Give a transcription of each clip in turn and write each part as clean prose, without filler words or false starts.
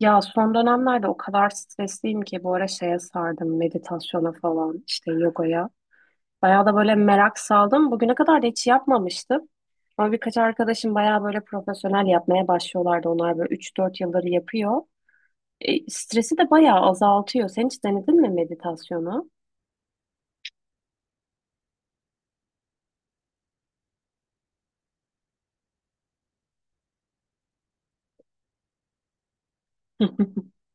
Ya son dönemlerde o kadar stresliyim ki bu ara şeye sardım meditasyona falan işte yogaya. Bayağı da böyle merak saldım. Bugüne kadar da hiç yapmamıştım. Ama birkaç arkadaşım bayağı böyle profesyonel yapmaya başlıyorlardı. Onlar böyle 3-4 yıldır yapıyor. Stresi de bayağı azaltıyor. Sen hiç denedin mi meditasyonu?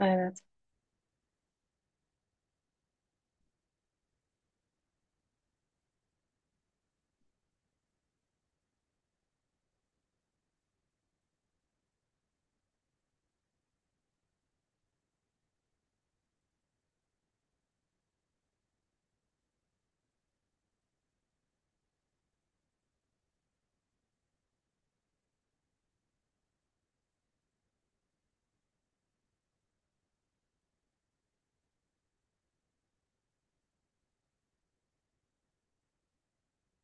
Evet.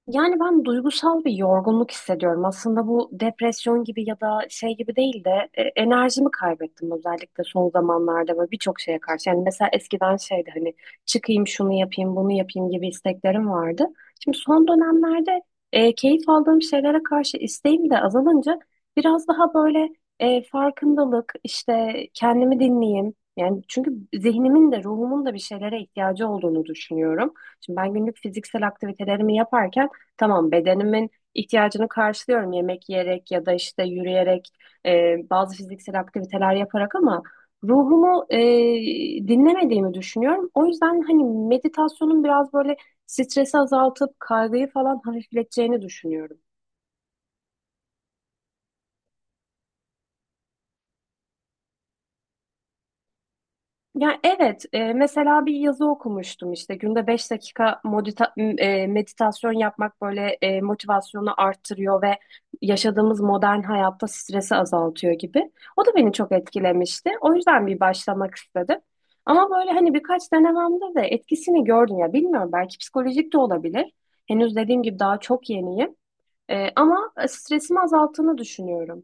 Yani ben duygusal bir yorgunluk hissediyorum. Aslında bu depresyon gibi ya da şey gibi değil de enerjimi kaybettim özellikle son zamanlarda ve birçok şeye karşı. Yani mesela eskiden şeydi hani çıkayım şunu yapayım bunu yapayım gibi isteklerim vardı. Şimdi son dönemlerde keyif aldığım şeylere karşı isteğim de azalınca biraz daha böyle farkındalık işte kendimi dinleyeyim. Yani çünkü zihnimin de ruhumun da bir şeylere ihtiyacı olduğunu düşünüyorum. Şimdi ben günlük fiziksel aktivitelerimi yaparken tamam, bedenimin ihtiyacını karşılıyorum yemek yiyerek ya da işte yürüyerek, bazı fiziksel aktiviteler yaparak, ama ruhumu dinlemediğimi düşünüyorum. O yüzden hani meditasyonun biraz böyle stresi azaltıp kaygıyı falan hafifleteceğini düşünüyorum. Ya evet, mesela bir yazı okumuştum işte günde 5 dakika meditasyon yapmak böyle motivasyonu arttırıyor ve yaşadığımız modern hayatta stresi azaltıyor gibi. O da beni çok etkilemişti. O yüzden bir başlamak istedim. Ama böyle hani birkaç denememde de etkisini gördüm ya, bilmiyorum, belki psikolojik de olabilir. Henüz dediğim gibi daha çok yeniyim. Ama stresimi azalttığını düşünüyorum.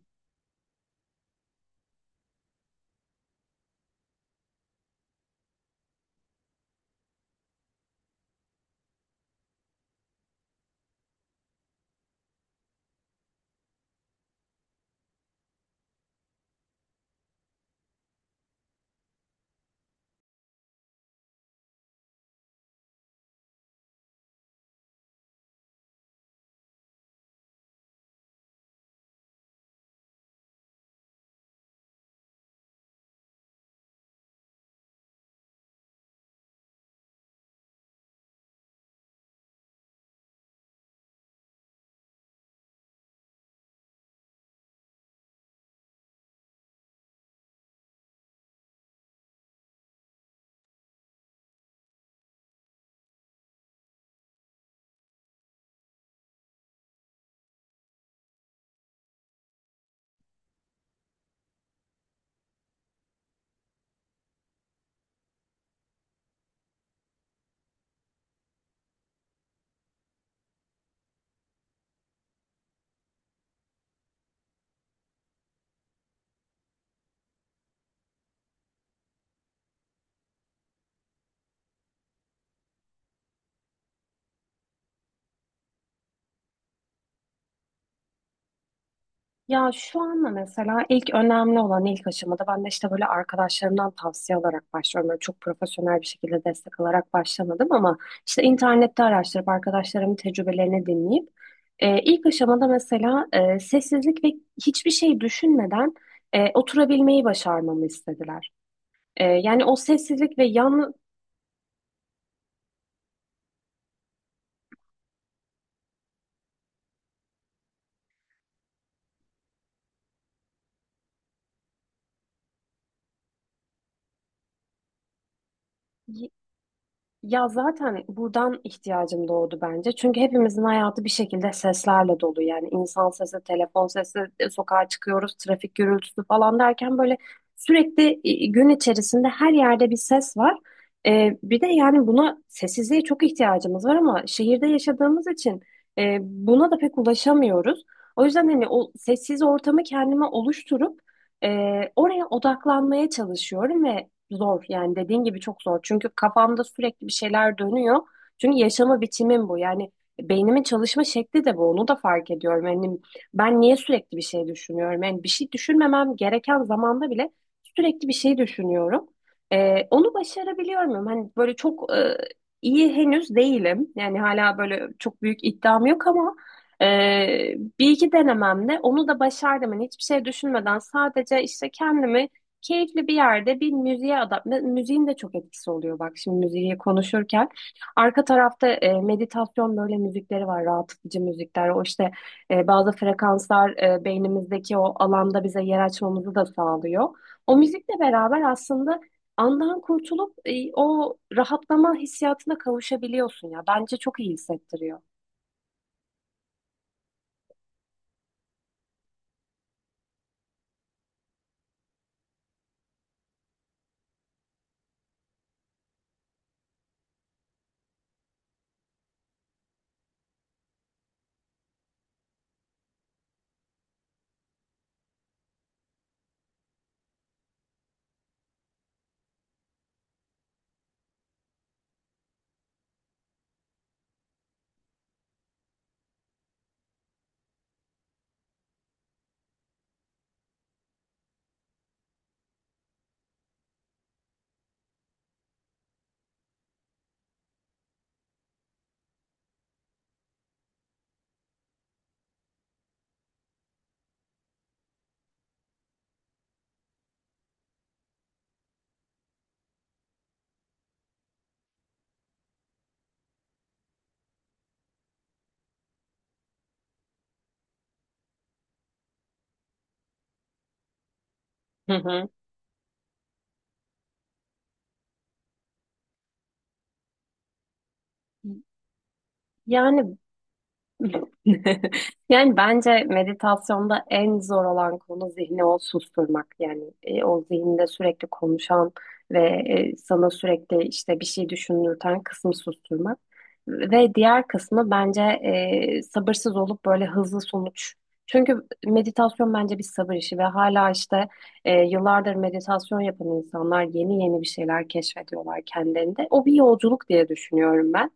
Ya şu anda mesela ilk önemli olan ilk aşamada ben de işte böyle arkadaşlarımdan tavsiye alarak başlıyorum. Böyle çok profesyonel bir şekilde destek alarak başlamadım, ama işte internette araştırıp arkadaşlarımın tecrübelerini dinleyip ilk aşamada mesela sessizlik ve hiçbir şey düşünmeden oturabilmeyi başarmamı istediler. Yani o sessizlik ve yan. Ya zaten buradan ihtiyacım doğdu bence. Çünkü hepimizin hayatı bir şekilde seslerle dolu. Yani insan sesi, telefon sesi, sokağa çıkıyoruz, trafik gürültüsü falan derken böyle sürekli gün içerisinde her yerde bir ses var. Bir de yani buna, sessizliğe çok ihtiyacımız var, ama şehirde yaşadığımız için buna da pek ulaşamıyoruz. O yüzden hani o sessiz ortamı kendime oluşturup e, oraya odaklanmaya çalışıyorum ve zor, yani dediğin gibi çok zor. Çünkü kafamda sürekli bir şeyler dönüyor. Çünkü yaşama biçimim bu. Yani beynimin çalışma şekli de bu. Onu da fark ediyorum. Yani ben niye sürekli bir şey düşünüyorum? Yani bir şey düşünmemem gereken zamanda bile sürekli bir şey düşünüyorum. Onu başarabiliyor muyum? Hani böyle çok iyi henüz değilim. Yani hala böyle çok büyük iddiam yok, ama e, bir iki denememde onu da başardım. Hani hiçbir şey düşünmeden sadece işte kendimi keyifli bir yerde bir müziğe adapte. Müziğin de çok etkisi oluyor, bak şimdi müziği konuşurken. Arka tarafta meditasyon böyle müzikleri var, rahatlatıcı müzikler. O işte bazı frekanslar beynimizdeki o alanda bize yer açmamızı da sağlıyor. O müzikle beraber aslında andan kurtulup o rahatlama hissiyatına kavuşabiliyorsun ya. Bence çok iyi hissettiriyor. Hı hı. Yani yani bence meditasyonda en zor olan konu zihni o susturmak. Yani o zihinde sürekli konuşan ve sana sürekli işte bir şey düşündürten kısmı susturmak. Ve diğer kısmı bence sabırsız olup böyle hızlı sonuç. Çünkü meditasyon bence bir sabır işi ve hala işte yıllardır meditasyon yapan insanlar yeni yeni bir şeyler keşfediyorlar kendilerinde. O bir yolculuk diye düşünüyorum ben.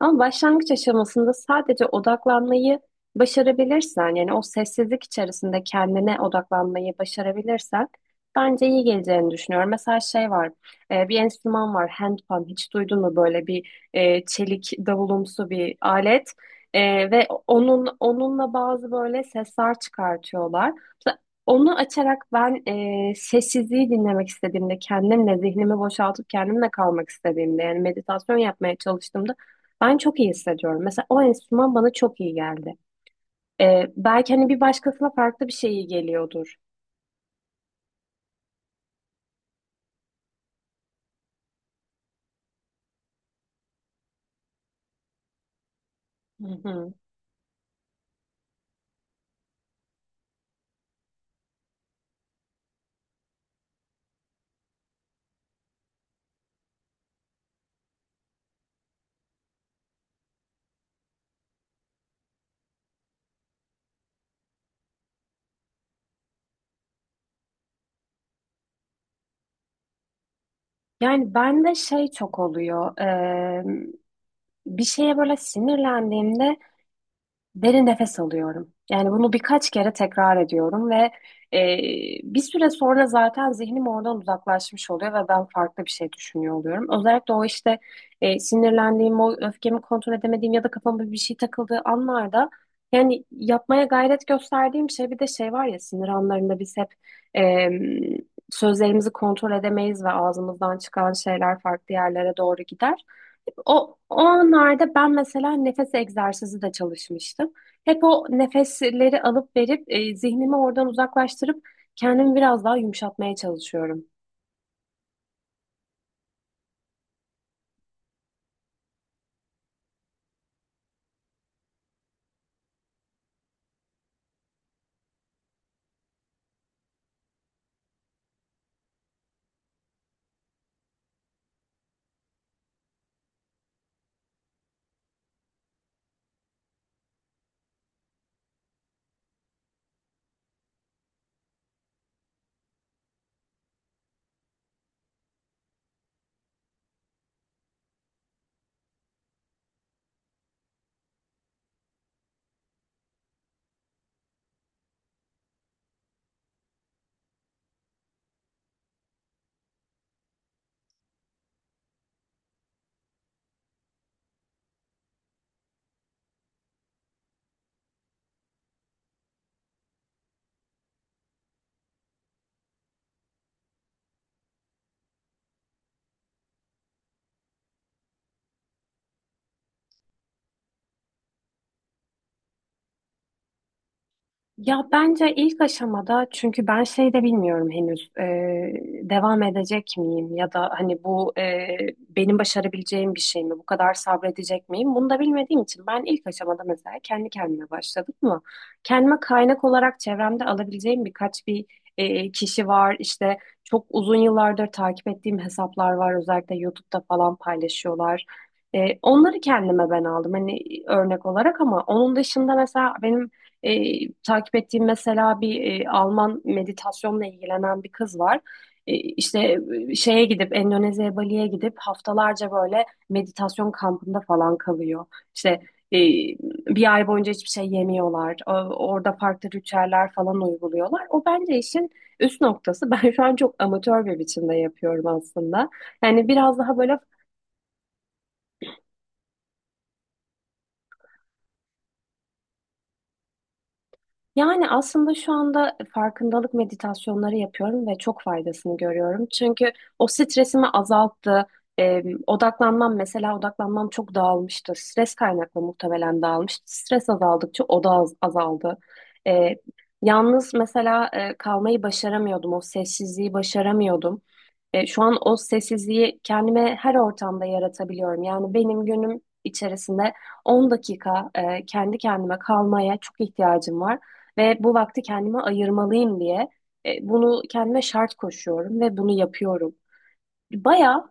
Ama başlangıç aşamasında sadece odaklanmayı başarabilirsen, yani o sessizlik içerisinde kendine odaklanmayı başarabilirsen bence iyi geleceğini düşünüyorum. Mesela şey var, bir enstrüman var, handpan. Hiç duydun mu böyle bir çelik davulumsu bir alet? Ve onunla bazı böyle sesler çıkartıyorlar. Mesela onu açarak ben sessizliği dinlemek istediğimde, kendimle zihnimi boşaltıp kendimle kalmak istediğimde, yani meditasyon yapmaya çalıştığımda ben çok iyi hissediyorum. Mesela o enstrüman bana çok iyi geldi. Belki hani bir başkasına farklı bir şey iyi geliyordur. Hı hı. Yani bende şey çok oluyor. Bir şeye böyle sinirlendiğimde derin nefes alıyorum. Yani bunu birkaç kere tekrar ediyorum ve e, bir süre sonra zaten zihnim oradan uzaklaşmış oluyor ve ben farklı bir şey düşünüyor oluyorum. Özellikle o işte sinirlendiğim, o öfkemi kontrol edemediğim ya da kafama bir şey takıldığı anlarda, yani yapmaya gayret gösterdiğim şey, bir de şey var ya, sinir anlarında biz hep e, sözlerimizi kontrol edemeyiz ve ağzımızdan çıkan şeyler farklı yerlere doğru gider. O anlarda ben mesela nefes egzersizi de çalışmıştım. Hep o nefesleri alıp verip zihnimi oradan uzaklaştırıp kendimi biraz daha yumuşatmaya çalışıyorum. Ya bence ilk aşamada, çünkü ben şey de bilmiyorum henüz, devam edecek miyim ya da hani bu benim başarabileceğim bir şey mi, bu kadar sabredecek miyim, bunu da bilmediğim için ben ilk aşamada mesela kendi kendime başladım mı, kendime kaynak olarak çevremde alabileceğim birkaç bir kişi var işte, çok uzun yıllardır takip ettiğim hesaplar var, özellikle YouTube'da falan paylaşıyorlar. Onları kendime ben aldım hani örnek olarak, ama onun dışında mesela benim takip ettiğim mesela bir Alman meditasyonla ilgilenen bir kız var. İşte şeye gidip Endonezya'ya, Bali'ye gidip haftalarca böyle meditasyon kampında falan kalıyor. İşte e, bir ay boyunca hiçbir şey yemiyorlar. Orada farklı ritüeller falan uyguluyorlar. O bence işin üst noktası. Ben şu an çok amatör bir biçimde yapıyorum aslında. Yani biraz daha böyle. Yani aslında şu anda farkındalık meditasyonları yapıyorum ve çok faydasını görüyorum. Çünkü o stresimi azalttı. Odaklanmam çok dağılmıştı. Stres kaynaklı muhtemelen dağılmıştı. Stres azaldıkça o da azaldı. Ee, Yalnız mesela kalmayı başaramıyordum. O sessizliği başaramıyordum. Şu an o sessizliği kendime her ortamda yaratabiliyorum. Yani benim günüm içerisinde 10 dakika kendi kendime kalmaya çok ihtiyacım var ve bu vakti kendime ayırmalıyım diye bunu kendime şart koşuyorum ve bunu yapıyorum. Bayağı.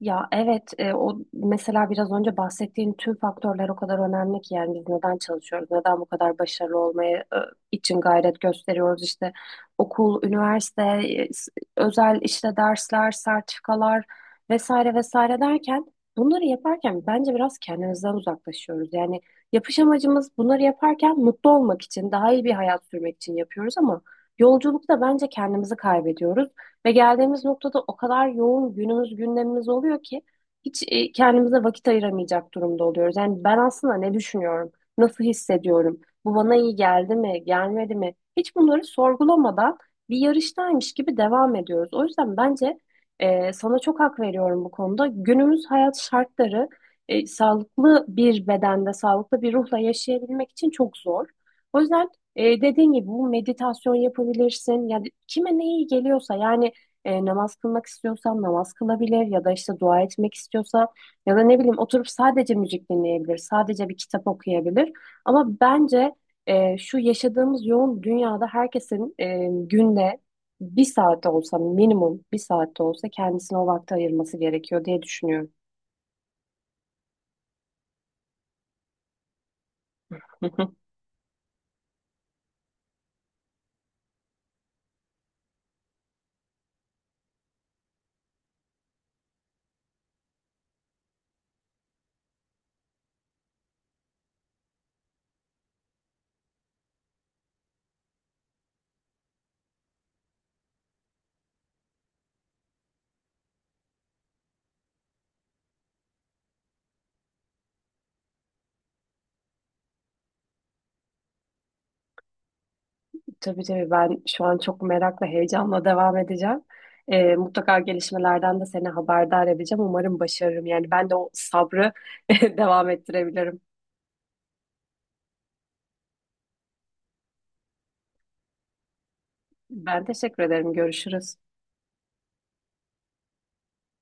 Ya evet, o mesela biraz önce bahsettiğin tüm faktörler o kadar önemli ki, yani biz neden çalışıyoruz, neden bu kadar başarılı olmaya için gayret gösteriyoruz, işte okul, üniversite, özel işte dersler, sertifikalar vesaire vesaire derken, bunları yaparken bence biraz kendimizden uzaklaşıyoruz. Yani yapış amacımız, bunları yaparken mutlu olmak için, daha iyi bir hayat sürmek için yapıyoruz, ama yolculukta bence kendimizi kaybediyoruz. Ve geldiğimiz noktada o kadar yoğun günümüz, gündemimiz oluyor ki hiç kendimize vakit ayıramayacak durumda oluyoruz. Yani ben aslında ne düşünüyorum, nasıl hissediyorum, bu bana iyi geldi mi, gelmedi mi? Hiç bunları sorgulamadan bir yarıştaymış gibi devam ediyoruz. O yüzden bence sana çok hak veriyorum bu konuda. Günümüz hayat şartları sağlıklı bir bedende, sağlıklı bir ruhla yaşayabilmek için çok zor. O yüzden dediğin gibi bu meditasyon yapabilirsin. Yani kime ne iyi geliyorsa, yani namaz kılmak istiyorsa namaz kılabilir, ya da işte dua etmek istiyorsa, ya da ne bileyim oturup sadece müzik dinleyebilir, sadece bir kitap okuyabilir. Ama bence şu yaşadığımız yoğun dünyada herkesin, günde bir saatte olsa, minimum bir saatte olsa kendisine o vakti ayırması gerekiyor diye düşünüyorum. Tabii tabii, ben şu an çok merakla, heyecanla devam edeceğim. Mutlaka gelişmelerden de seni haberdar edeceğim. Umarım başarırım. Yani ben de o sabrı devam ettirebilirim. Ben teşekkür ederim. Görüşürüz.